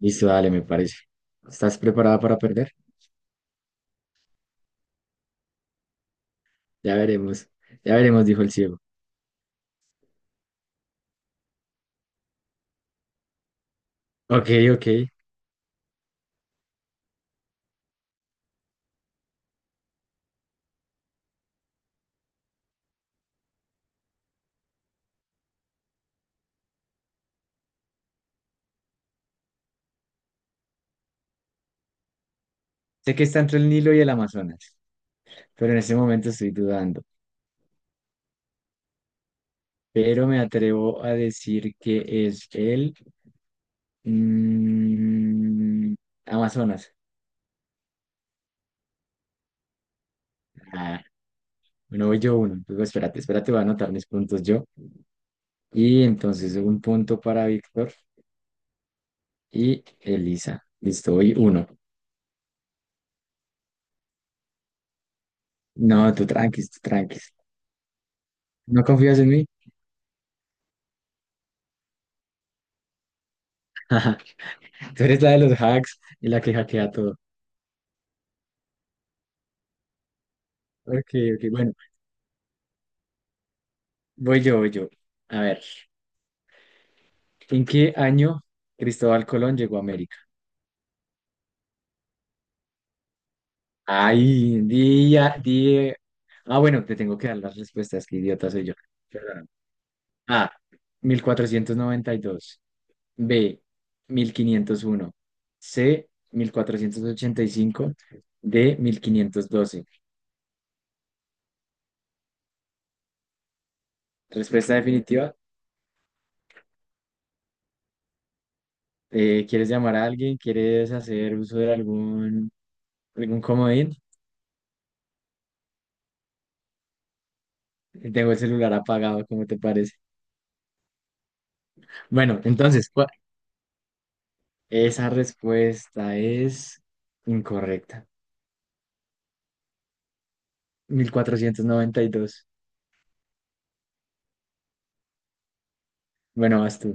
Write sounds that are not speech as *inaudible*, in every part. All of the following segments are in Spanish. Listo, dale, me parece. ¿Estás preparada para perder? Ya veremos. Ya veremos, dijo el ciego. Ok, ok. Sé que está entre el Nilo y el Amazonas, pero en este momento estoy dudando. Pero me atrevo a decir que es el mm, Amazonas. Ah, bueno, voy yo uno. Luego, espérate, voy a anotar mis puntos yo. Y entonces un punto para Víctor y Elisa. Listo, voy uno. No, tú tranquis. ¿No confías en mí? *laughs* Tú eres la de los hacks y la que hackea todo. Ok, ok, bueno, voy yo. A ver, ¿en qué año Cristóbal Colón llegó a América? Ay, día. Ah, bueno, te tengo que dar las respuestas, qué idiota soy yo. Perdóname. A, 1492. B, 1501. C, 1485. D, 1512. Respuesta definitiva. ¿Quieres llamar a alguien? ¿Quieres hacer uso de algún comodín? Tengo el celular apagado, ¿cómo te parece? Bueno, entonces, esa respuesta es incorrecta. Mil cuatrocientos noventa y dos. Bueno, vas tú.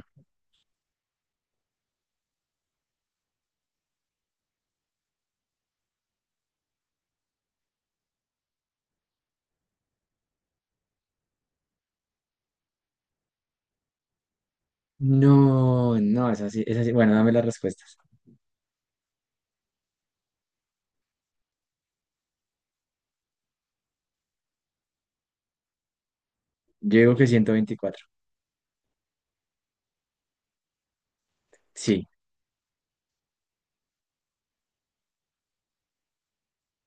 No, es así. Bueno, dame las respuestas. Yo digo que ciento veinticuatro. Sí.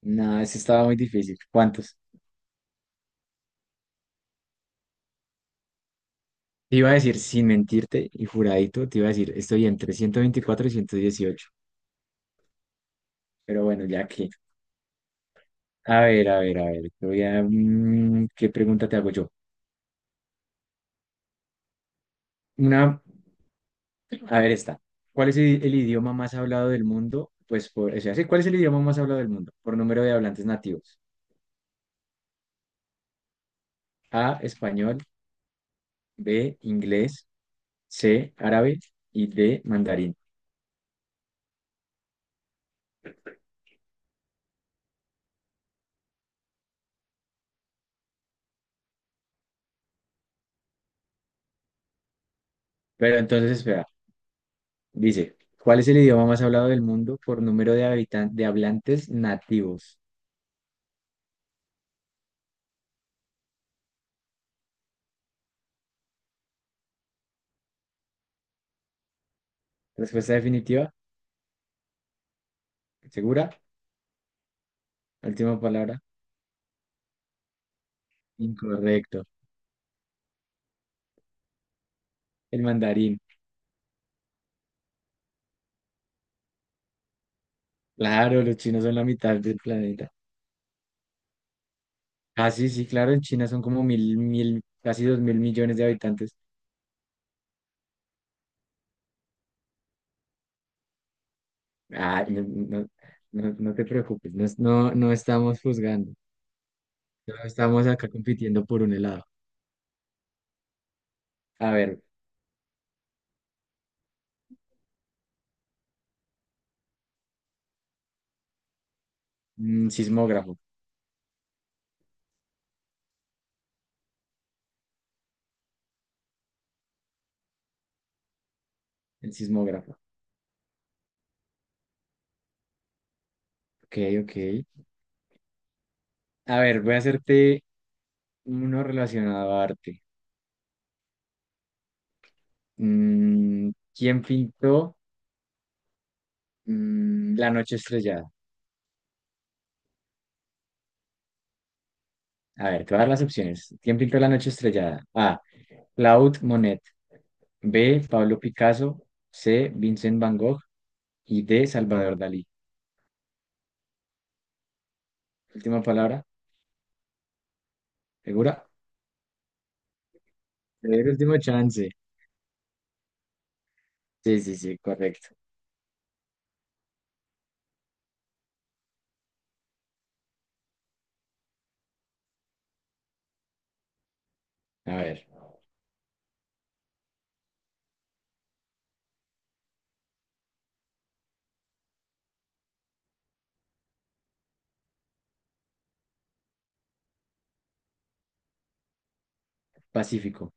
No, eso estaba muy difícil. ¿Cuántos? Te iba a decir, sin mentirte y juradito, te iba a decir, estoy entre 124 y ciento dieciocho. Pero bueno, ya que. A ver. Te voy a, ¿qué pregunta te hago yo? Una. A ver, esta. ¿Cuál es el idioma más hablado del mundo? Pues por, o sea, sí, ¿cuál es el idioma más hablado del mundo? Por número de hablantes nativos. A, español, B, inglés, C, árabe y D, mandarín. Pero entonces, espera, dice, ¿cuál es el idioma más hablado del mundo por número de de hablantes nativos? Respuesta definitiva, segura, última palabra, incorrecto. El mandarín. Claro, los chinos son la mitad del planeta. Ah, sí, sí, claro, en China son como mil, casi dos mil millones de habitantes. Ah, no, te preocupes, no estamos juzgando, no estamos acá compitiendo por un helado. A ver, mm, sismógrafo, el sismógrafo. Ok, ok. A ver, voy a hacerte uno relacionado a arte. ¿Quién pintó La Noche Estrellada? A ver, te voy a dar las opciones. ¿Quién pintó La Noche Estrellada? A. Claude Monet. B. Pablo Picasso. C. Vincent Van Gogh. Y D. Salvador Dalí. Última palabra, ¿segura? El último chance. Sí, sí, sí, correcto. A ver, Pacífico,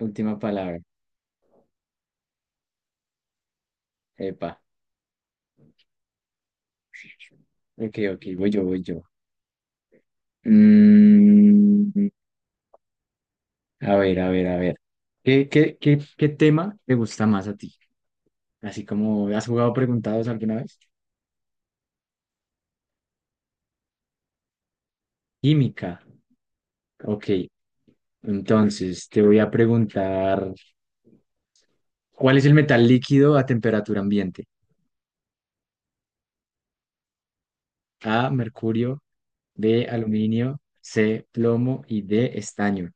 última palabra. Epa. Ok, ok, voy yo. Mm, a ver. ¿Qué tema te gusta más a ti? Así como, ¿has jugado preguntados alguna vez? Química. Ok, entonces te voy a preguntar, ¿cuál es el metal líquido a temperatura ambiente? A, mercurio, B, aluminio, C, plomo y D, estaño.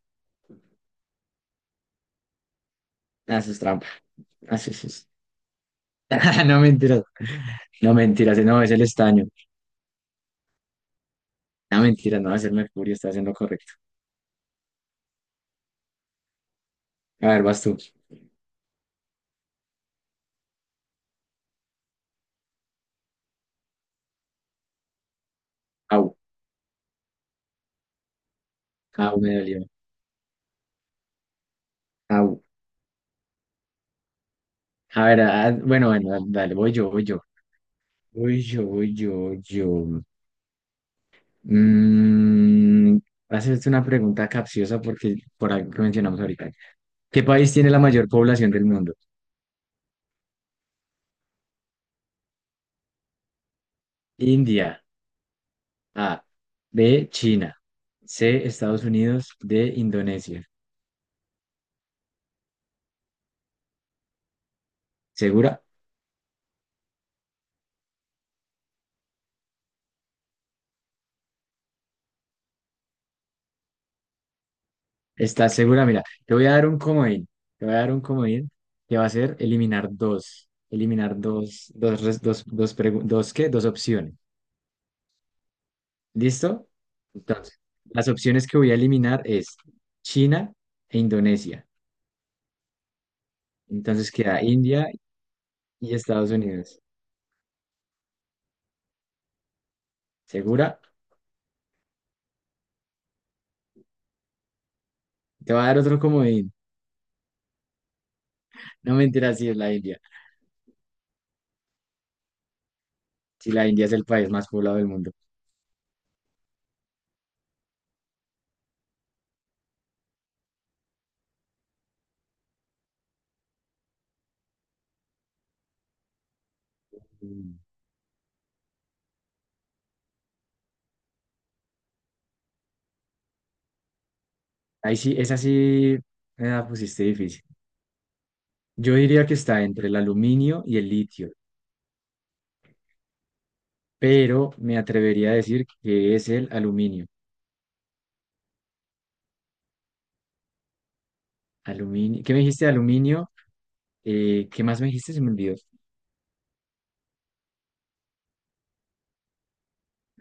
Haces trampa. Ah, sí, sí, sí. *laughs* No mentiras, no mentiras, no es el estaño. No mentiras, no es el mercurio, está haciendo correcto. A ver, vas tú. Au, au, me dolió. Au. A ver, ah, bueno, bueno, dale, voy yo. Voy yo. Mm, Hacerte una pregunta capciosa porque por algo que mencionamos ahorita. ¿Qué país tiene la mayor población del mundo? India. A. B. China. C. Estados Unidos. D. Indonesia. ¿Segura? ¿Estás segura? Mira, te voy a dar un comodín. Te voy a dar un comodín que va a ser eliminar dos. Eliminar dos, dos, dos, ¿qué? Dos opciones. ¿Listo? Entonces, las opciones que voy a eliminar es China e Indonesia. Entonces queda India y Estados Unidos. ¿Segura? Te voy a dar otro comodín. No mentiras, si es la India. Si la India es el país más poblado del mundo. Mm. Ahí sí, esa sí me la pusiste difícil. Yo diría que está entre el aluminio y el litio, pero me atrevería a decir que es el aluminio. Aluminio. ¿Qué me dijiste? Aluminio. ¿Qué más me dijiste? Se me olvidó.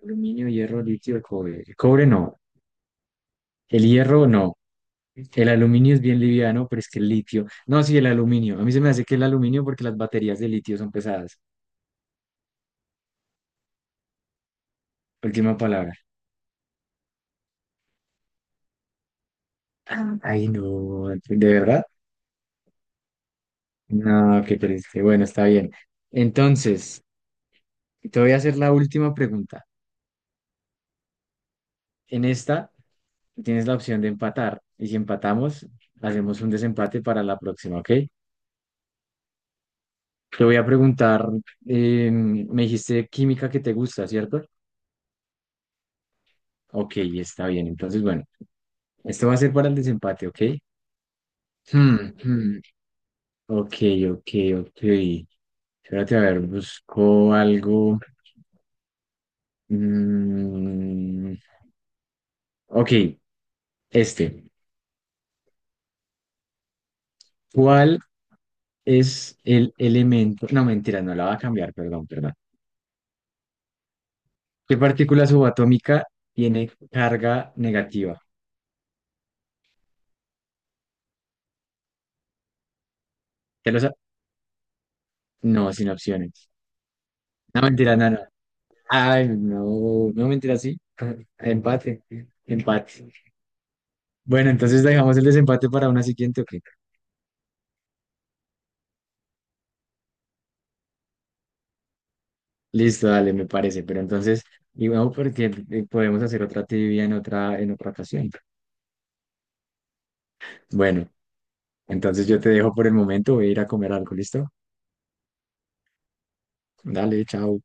Aluminio, hierro, litio, cobre. El cobre no. El hierro no. El aluminio es bien liviano, pero es que el litio. No, sí, el aluminio. A mí se me hace que el aluminio porque las baterías de litio son pesadas. Última palabra. Ah. Ay, no. ¿De verdad? No, qué triste. Bueno, está bien. Entonces, te voy a hacer la última pregunta. En esta tienes la opción de empatar y si empatamos, hacemos un desempate para la próxima, ¿ok? Te voy a preguntar, me dijiste química que te gusta, ¿cierto? Ok, está bien. Entonces, bueno, esto va a ser para el desempate, ¿ok? Hmm, hmm, Ok, ok, ok. Espérate, a ver, busco algo. Mm, ok, este. ¿Cuál es el elemento? No, mentira, no la va a cambiar, perdón, perdón. ¿Qué partícula subatómica tiene carga negativa? ¿Ya lo sa- No, sin opciones. No, mentira, no, no. Ay, no, no, mentira, sí. *laughs* Empate, empate. Bueno, entonces dejamos el desempate para una siguiente, ok. Listo, dale, me parece. Pero entonces, y bueno, porque podemos hacer otra trivia en otra ocasión. Bueno, entonces yo te dejo por el momento, voy a ir a comer algo, ¿listo? Dale, chao.